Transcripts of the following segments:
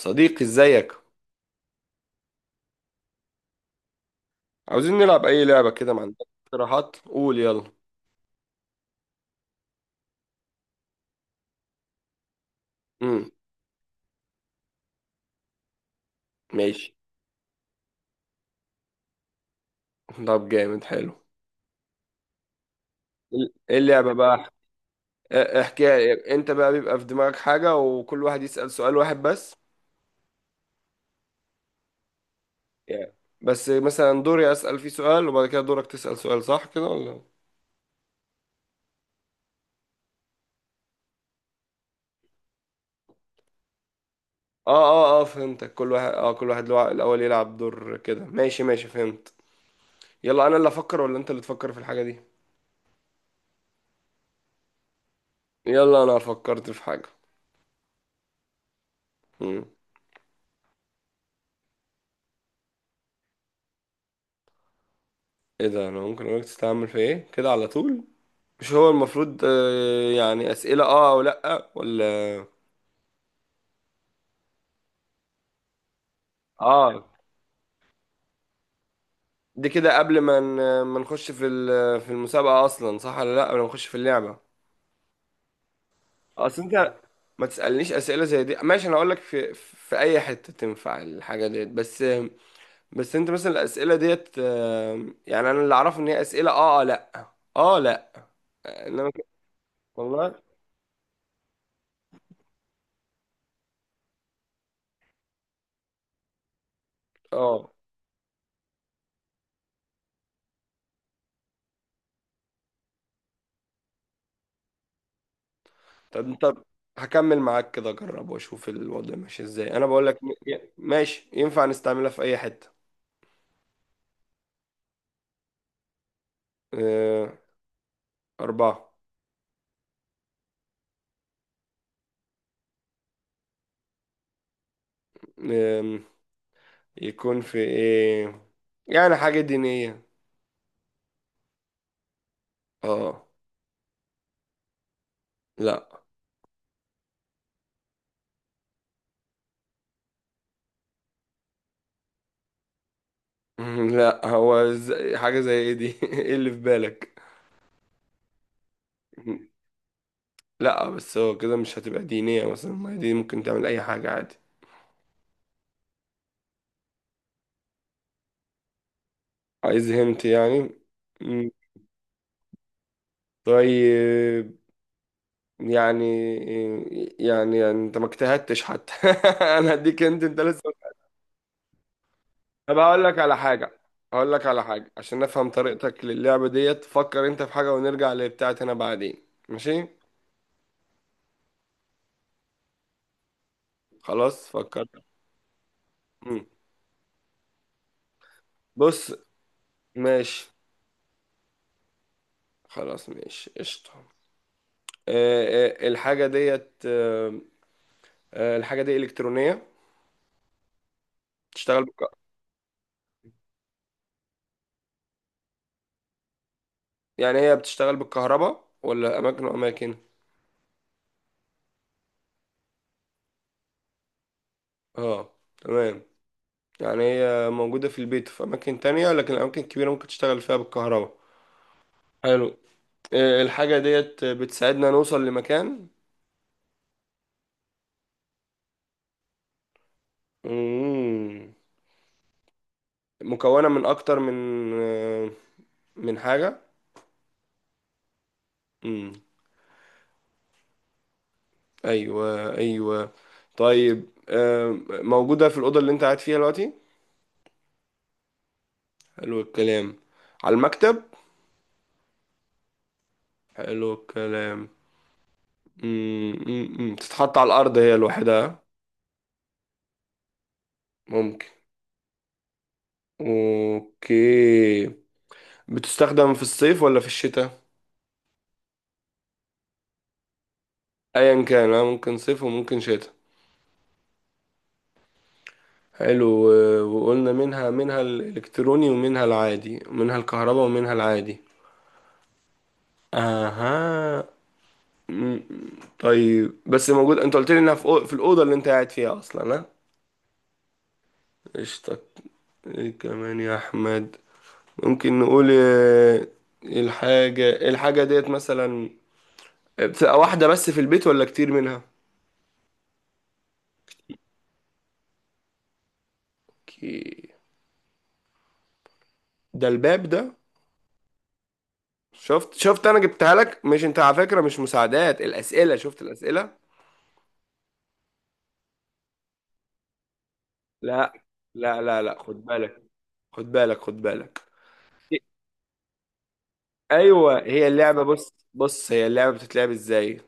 صديقي، ازيك؟ عاوزين نلعب اي لعبة، كده ما عندك اقتراحات؟ قول يلا. امم. ماشي. طب جامد، حلو. ايه اللعبة بقى؟ اه، احكي انت بقى، بيبقى في دماغك حاجة وكل واحد يسأل سؤال واحد بس. يعني، بس مثلا دوري اسأل فيه سؤال وبعد كده دورك تسأل سؤال، صح كده ولا اه؟ اه اه، فهمتك. كل واحد الاول يلعب دور كده، ماشي ماشي، فهمت. يلا انا اللي افكر ولا انت اللي تفكر في الحاجة دي؟ يلا انا فكرت في حاجة. امم. ايه ده، انا ممكن اقولك تستعمل في ايه كده على طول؟ مش هو المفروض يعني أسئلة اه او لأ ولا اه؟ دي كده قبل ما ما نخش في في المسابقة اصلا، صح ولا لأ؟ قبل ما نخش في اللعبة، اصل انت ما تسألنيش أسئلة زي دي، ماشي. انا اقول لك في اي حتة تنفع الحاجة ديت بس. بس انت مثلا الأسئلة ديت يعني انا اللي اعرفه ان هي أسئلة اه لأ. اه لأ. انما والله. اه، طب هكمل معاك كده، اجرب واشوف الوضع ماشي ازاي. انا بقول لك، ماشي، ينفع نستعملها في اي حتة. آه، 4. آم، يكون في ايه. يعني حاجة دينية. اه. لا. لا هو حاجة زي ايه دي، ايه اللي في بالك؟ لا بس هو كده مش هتبقى دينية مثلا، ما هي دي ممكن تعمل اي حاجة عادي. عايز هنت يعني. مم. طيب. يعني يعني, يعني, انت ما اجتهدتش حتى، انا هديك. انت لسه. طب هقول لك على حاجه، هقول لك على حاجه عشان افهم طريقتك للعبه ديت، فكر انت في حاجه ونرجع لبتاعتي انا بعدين، ماشي. خلاص فكرت. مم. بص. ماشي. خلاص ماشي قشطه. الحاجه ديت. الحاجه دي الكترونيه؟ بتشتغل بالك... يعني هي بتشتغل بالكهرباء ولا اماكن واماكن؟ اه تمام. يعني هي موجودة في البيت في أماكن تانية، لكن الأماكن الكبيرة ممكن تشتغل فيها بالكهرباء. حلو. الحاجة ديت بتساعدنا نوصل لمكان. مم. مكونة من أكتر من آه، من حاجة. مم. أيوة أيوة. طيب موجودة في الأوضة اللي أنت قاعد فيها دلوقتي. حلو الكلام. على المكتب. حلو الكلام. مم. مم. مم. تتحط على الأرض هي لوحدها؟ ممكن. أوكي. بتستخدم في الصيف ولا في الشتاء؟ ايا كان، ممكن صيف وممكن شتاء. حلو. وقلنا منها الالكتروني ومنها العادي ومنها الكهرباء ومنها العادي. اها. م- طيب بس موجود، انت قلت لي انها في في الاوضه اللي انت قاعد فيها اصلا، ها؟ قشطة. ايه كمان يا احمد. ممكن نقول الحاجه ديت مثلا بتبقى واحده بس في البيت ولا كتير منها؟ كي- ده الباب ده. شفت شفت، انا جبتها لك. مش انت على فكره مش مساعدات الاسئله؟ شفت الاسئله. لا لا لا لا، خد بالك خد بالك خد بالك. ايوه هي اللعبه. بص بص، هي اللعبه بتتلعب ازاي؟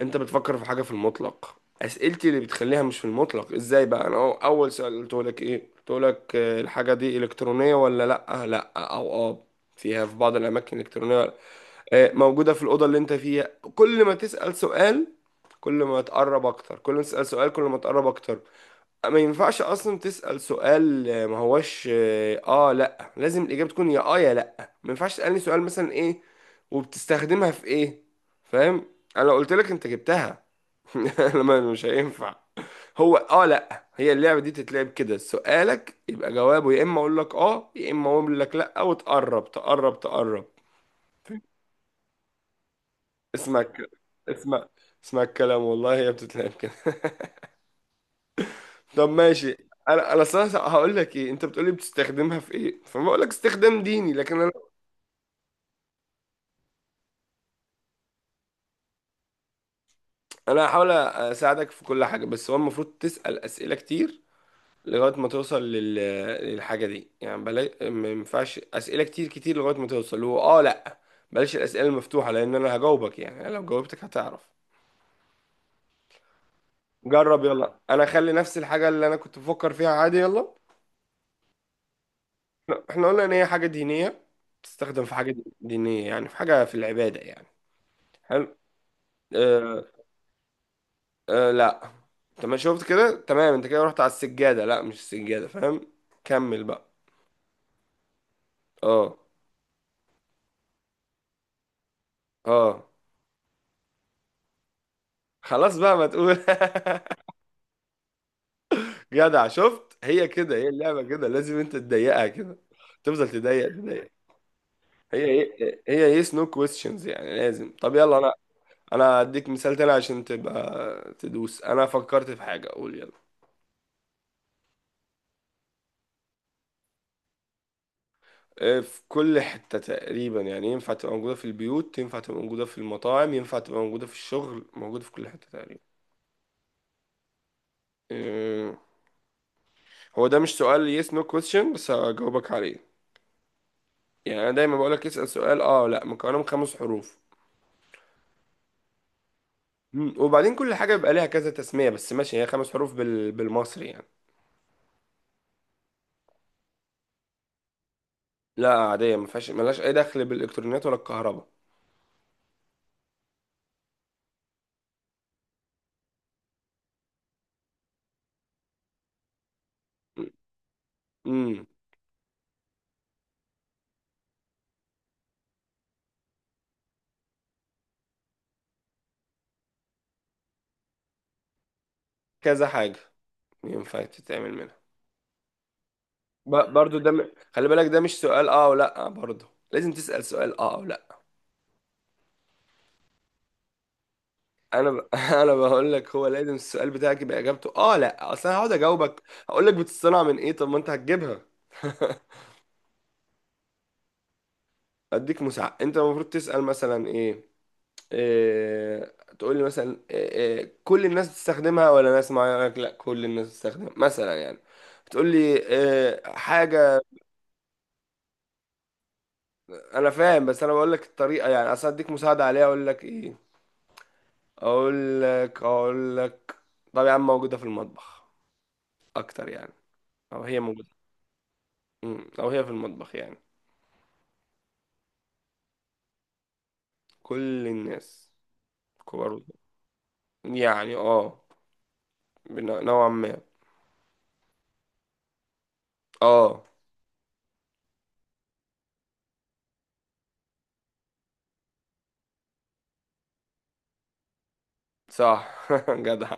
انت بتفكر في حاجه في المطلق، اسئلتي اللي بتخليها مش في المطلق. ازاي بقى؟ انا اول سؤال قلت لك ايه؟ قلت لك الحاجه دي الكترونيه ولا لا؟ لا او اه، فيها في بعض الاماكن الكترونيه. موجوده في الاوضه اللي انت فيها. كل ما تسال سؤال كل ما تقرب اكتر، كل ما تسال سؤال كل ما تقرب اكتر. ما ينفعش اصلا تسأل سؤال ما هوش اه لا، لازم الاجابة تكون يا اه يا لا. ما ينفعش تسألني سؤال مثلا ايه وبتستخدمها في ايه، فاهم؟ انا لو قلت لك، انت جبتها. لما مش هينفع. هو اه لا، هي اللعبة دي تتلعب كده، سؤالك يبقى جوابه يا اما اقول لك اه يا اما اقول لك لا، وتقرب تقرب تقرب. اسمع الك- اسمع اسمع الكلام، والله هي بتتلعب كده. طب ماشي. انا اصلا هقول لك ايه. انت بتقولي بتستخدمها في ايه، فما اقول لك استخدام ديني، لكن انا انا هحاول اساعدك في كل حاجه، بس هو المفروض تسال اسئله كتير لغايه ما توصل للحاجه دي، يعني بلاش. ما ينفعش اسئله كتير كتير لغايه ما توصل، هو اه لا. بلاش الاسئله المفتوحه لان انا هجاوبك. يعني انا لو جاوبتك هتعرف. جرب يلا، انا اخلي نفس الحاجه اللي انا كنت بفكر فيها عادي، يلا. احنا قلنا ان هي حاجه دينيه، تستخدم في حاجه دينيه، يعني في حاجه في العباده يعني. حلو. آه، أه لا. تمام شفت كده، تمام. انت كده رحت على السجادة، لا مش السجادة فاهم. كمل بقى. اه اه. خلاص بقى، ما تقول. جدع، شفت هي كده، هي اللعبة كده لازم انت تضيقها كده، تفضل تضيق تضيق. هي yes no questions يعني، لازم. طب يلا، انا انا هديك مثال تاني عشان تبقى تدوس. انا فكرت في حاجة، قول يلا. في كل حتة تقريبا يعني، ينفع تبقى موجودة في البيوت ينفع تبقى موجودة في المطاعم ينفع تبقى موجودة في الشغل، موجودة في كل حتة تقريبا. آه، هو ده مش سؤال yes no question، بس هجاوبك عليه. يعني انا دايما بقولك اسأل سؤال اه لا. مكونه من 5 حروف. وبعدين كل حاجه بيبقى ليها كذا تسميه، بس ماشي، هي 5 حروف بالمصري يعني. لا عاديه، ما فيهاش ملهاش اي دخل بالالكترونيات ولا الكهرباء. امم كذا حاجه ينفع تتعمل منها. برضو، ده خلي بالك، ده مش سؤال اه ولا. برضو لازم تسأل سؤال اه ولا. انا انا بقول لك، هو لازم السؤال بتاعك يبقى اجابته اه لا. اصل انا هقعد اجاوبك، هقول لك بتصطنع من ايه، طب ما انت هتجيبها. اديك مساعدة، انت المفروض تسأل مثلا ايه، إيه تقول لي مثلا إيه إيه كل الناس بتستخدمها ولا ناس معينة، أقول لك لا كل الناس بتستخدمها مثلا يعني. بتقول لي إيه حاجة. انا فاهم بس انا بقول لك الطريقة، يعني اصل اديك مساعدة عليها اقول لك ايه. اقول لك. طب يا عم موجودة في المطبخ اكتر يعني، او هي موجودة؟ او هي في المطبخ يعني. كل الناس، كبار وصغار. يعني اه، نوعا ما. اه، صح، جدع.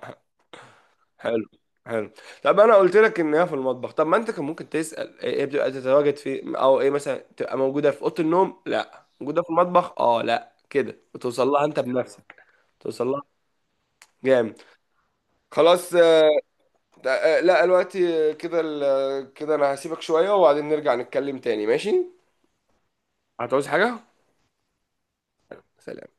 حلو حلو. طب انا قلت لك ان هي في المطبخ، طب ما انت كان ممكن تسال ايه، إيه بتبقى تتواجد في، او ايه مثلا تبقى موجوده في اوضه النوم لا موجوده في المطبخ اه لا، كده وتوصل لها انت بنفسك. توصل لها. جامد. خلاص. لا دلوقتي آه، كده ال- آه، كده انا هسيبك شويه وبعدين نرجع نتكلم تاني، ماشي. هتعوز حاجه؟ سلام.